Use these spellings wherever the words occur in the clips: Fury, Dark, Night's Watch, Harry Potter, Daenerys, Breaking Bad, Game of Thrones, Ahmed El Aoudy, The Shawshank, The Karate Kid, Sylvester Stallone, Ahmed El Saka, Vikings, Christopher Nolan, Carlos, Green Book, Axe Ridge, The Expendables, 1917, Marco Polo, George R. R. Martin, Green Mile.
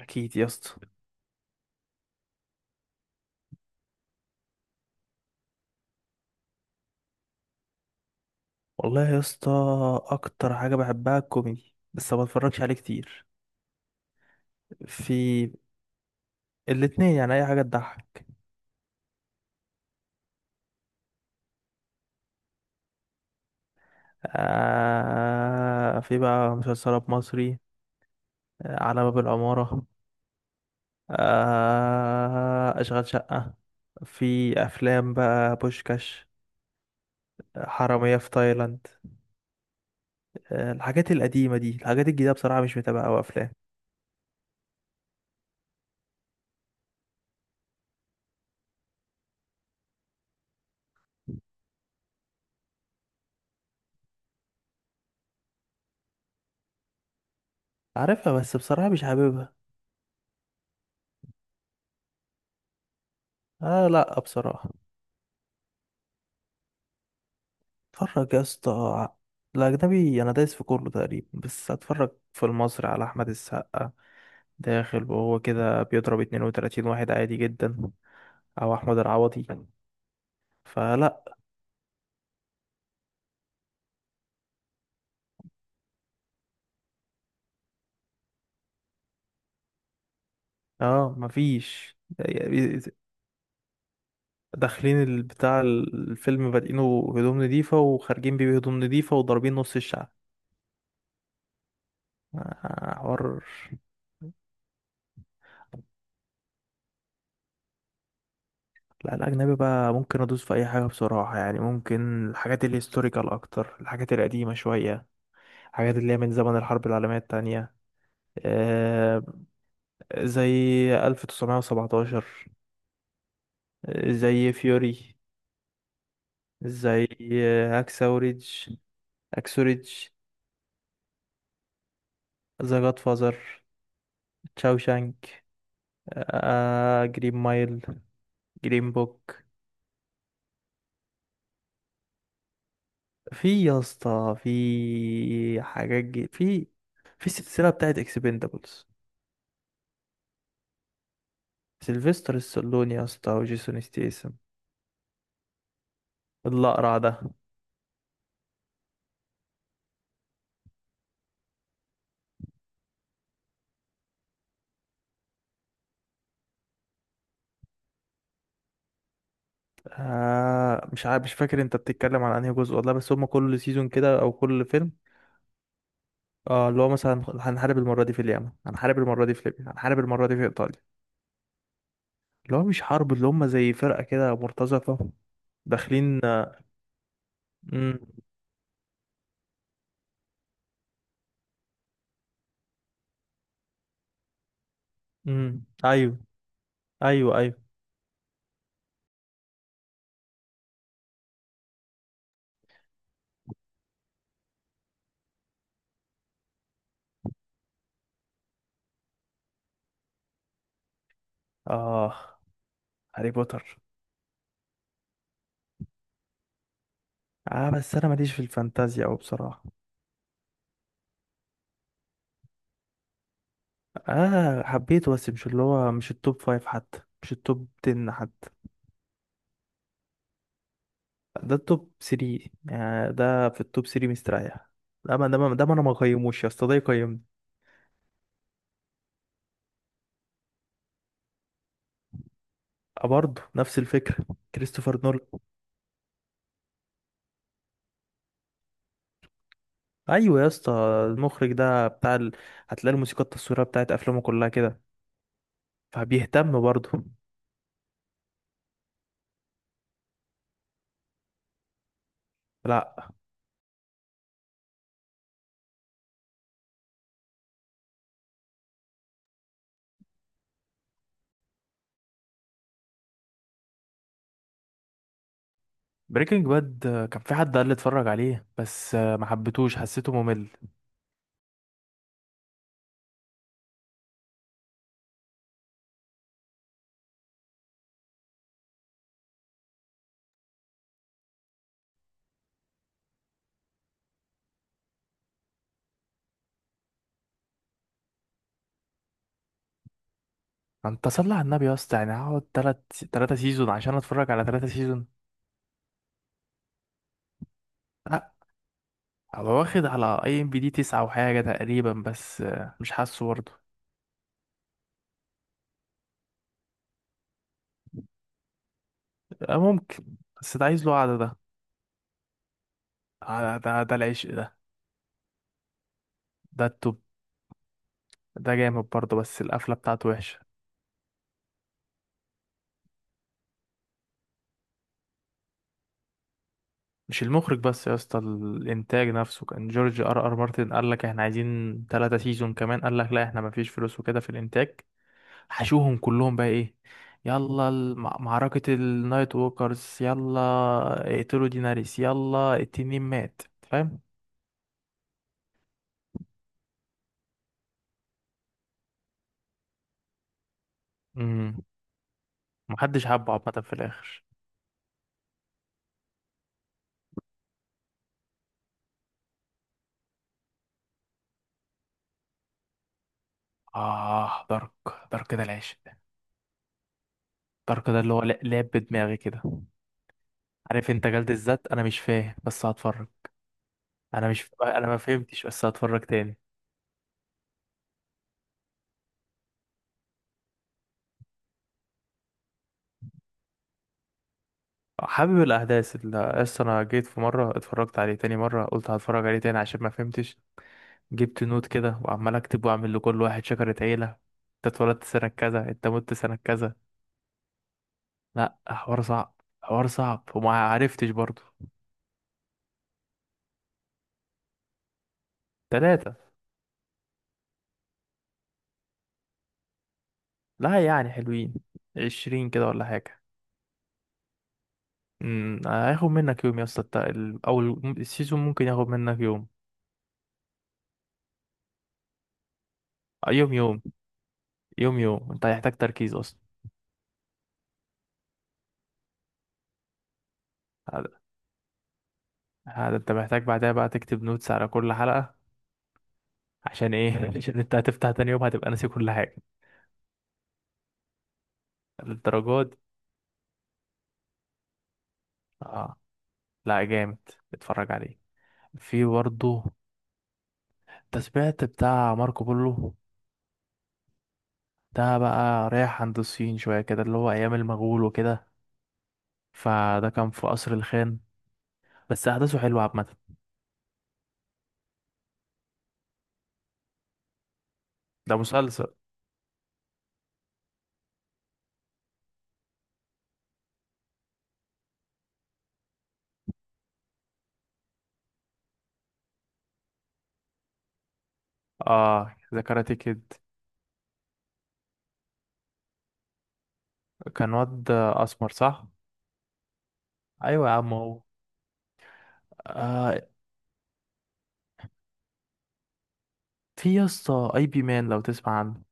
اكيد يا اسطى. والله يا اسطى، اكتر حاجه بحبها الكوميدي، بس ما بتفرجش عليه كتير. في الاتنين، يعني اي حاجه تضحك. آه، في بقى مسلسلات مصري. آه، على باب العماره. آه، اشغال شقه. في افلام بقى بوشكاش، حراميه في تايلاند. آه الحاجات القديمه دي، الحاجات الجديده بصراحه مش متابعه، او افلام عارفها بس بصراحه مش حاببها. آه لا بصراحه. اتفرج يا اسطى الأجنبي أنا دايس في كله تقريبا، بس أتفرج في المصري على أحمد السقا داخل وهو كده بيضرب 32 واحد عادي جدا، أو أحمد العوضي فلا. اه مفيش يعني. داخلين بتاع الفيلم بادئينه هدوم نضيفة، وخارجين بيه بهدوم نضيفة وضاربين نص الشعب. آه، حوار. لا الأجنبي بقى ممكن أدوس في أي حاجة بصراحة، يعني ممكن الحاجات الهيستوريكال أكتر، الحاجات القديمة شوية، حاجات اللي هي من زمن الحرب العالمية التانية. آه، زي 1917. آه، زي فيوري. زي أكسوريدج، أكسوريدج. ذا جاد فازر، تشاوشانك، جرين مايل، جرين بوك. في يا اسطى، في حاجات جي، في في السلسلة بتاعت اكسبندابلز. سيلفستر ستالوني يا اسطى، وجيسون ستيسن. الأقرع ده. آه مش عارف، مش فاكر انت بتتكلم عن انهي جزء والله، بس هما كل سيزون كده او كل فيلم. اه اللي هو مثلا هنحارب المره دي في اليمن، هنحارب المره دي في ليبيا، هنحارب المره دي في ايطاليا. اللي هو مش حرب، اللي هما زي فرقه كده مرتزقه داخلين. امم. ايوه. ايوه ايوه. اه هاري بوتر. اه بس انا ماليش في الفانتازيا او بصراحه. اه حبيته، بس مش اللي هو مش التوب فايف حتى، مش التوب 10 حتى. ده التوب 3، يعني ده في التوب 3 مستريح. لا، ما انا ما قيموش يا اسطى، ده يقيمني. أه، برضه نفس الفكره. كريستوفر نولان. ايوه يا اسطى، المخرج ده بتاع ال... هتلاقي الموسيقى التصويريه بتاعت افلامه كلها كده، فبيهتم برضه. لا. بريكنج باد كان في حد قال لي اتفرج عليه، بس ما حبيتهوش، حسيته ممل. انت صلي على النبي يا اسطى، يعني هقعد تلات، 3 سيزون عشان اتفرج على 3 سيزون. لا، هو واخد على IMDb 9 وحاجة تقريبا، بس مش حاسه برضه. آه، ممكن. بس ده عايز له قعدة ده. آه، ده العشق ده. ده التوب، ده جامد برضه، بس القفلة بتاعته وحشة. مش المخرج بس يا اسطى، الانتاج نفسه، كان جورج ار ار مارتن قال لك احنا عايزين 3 سيزون كمان، قال لك لا احنا مفيش فلوس وكده في الانتاج. حشوهم كلهم بقى ايه، يلا معركة النايت ووكرز، يلا اقتلوا ديناريس، يلا التنين مات، فاهم. امم. محدش حبه عامة في الاخر. اه دارك. دارك ده العشق. الدارك ده اللي هو لعب بدماغي كده. عارف انت جلد الذات؟ انا مش فاهم بس هتفرج. انا ما فهمتش بس هتفرج تاني. حابب الاحداث اللي اصل انا جيت في مره اتفرجت عليه، تاني مره قلت هتفرج عليه تاني عشان ما فهمتش. جبت نوت كده وعمال اكتب، واعمل لكل واحد شجره عيله. انت اتولدت سنه كذا، انت مت سنه كذا. لا حوار صعب. حوار صعب، وما عرفتش برضه. تلاتة. لا يعني حلوين، 20 كده ولا حاجه. امم، هياخد منك يوم يا اسطى. السيزون ممكن ياخد منك يوم. آه، يوم يوم. يوم يوم، انت هيحتاج تركيز اصلا. هذا، هذا انت محتاج بعدها بقى تكتب نوتس على كل حلقة، عشان ايه؟ عشان انت هتفتح تاني يوم هتبقى ناسي كل حاجة. للدرجات دي. اه، لا جامد، اتفرج عليه. في برضه تسبيعت بتاع ماركو بولو. ده بقى رايح عند الصين شوية كده، اللي هو ايام المغول وكده، فده كان في قصر الخان، بس احداثه حلوة عامة. ده مسلسل. اه، ذا كاراتيه كيد. كان واد اسمر صح؟ ايوه يا عم هو. آه، في يا اسطى اي بي مان، لو تسمع عنه.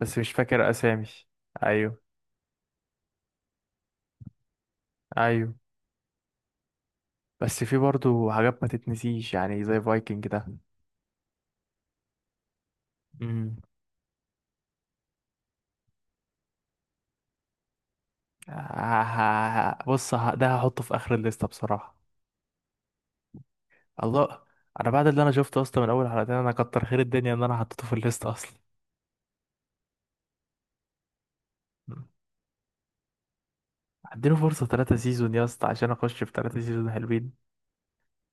بس مش فاكر اسامي. ايوه ايوه. بس في برضو حاجات ما تتنسيش، يعني زي فايكنج ده. امم. ه- ه- ده هحطه في اخر الليسته بصراحه. الله، انا بعد اللي انا شفته اصلا من اول 2، انا كتر خير الدنيا ان انا حطيته في الليسته اصلا. مم. اديله فرصه 3 سيزون يا اسطى عشان اخش في 3 سيزون حلوين؟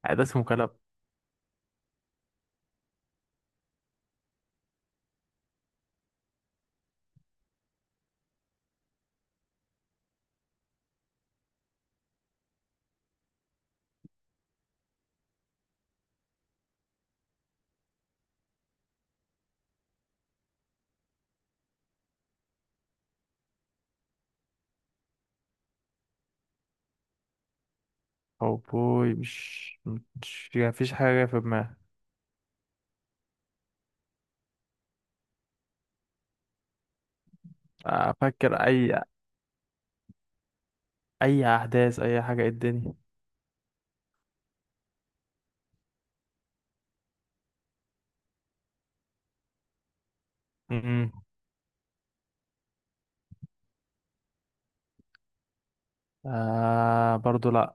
يعني ده اسمه كلام. او بوي، مش، مش يعني، مفيش حاجه في دماغي. افكر اي، اي احداث، اي حاجه، إيه الدنيا. امم. آه برضو لا.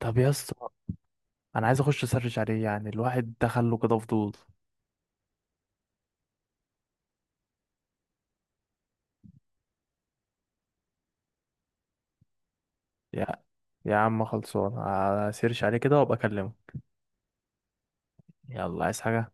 طب يا اسطى انا عايز اخش اسرش عليه، يعني الواحد دخله كده فضول. يا يا عم خلصان، اسيرش عليه كده وابقى اكلمه. يلا، عايز حاجه؟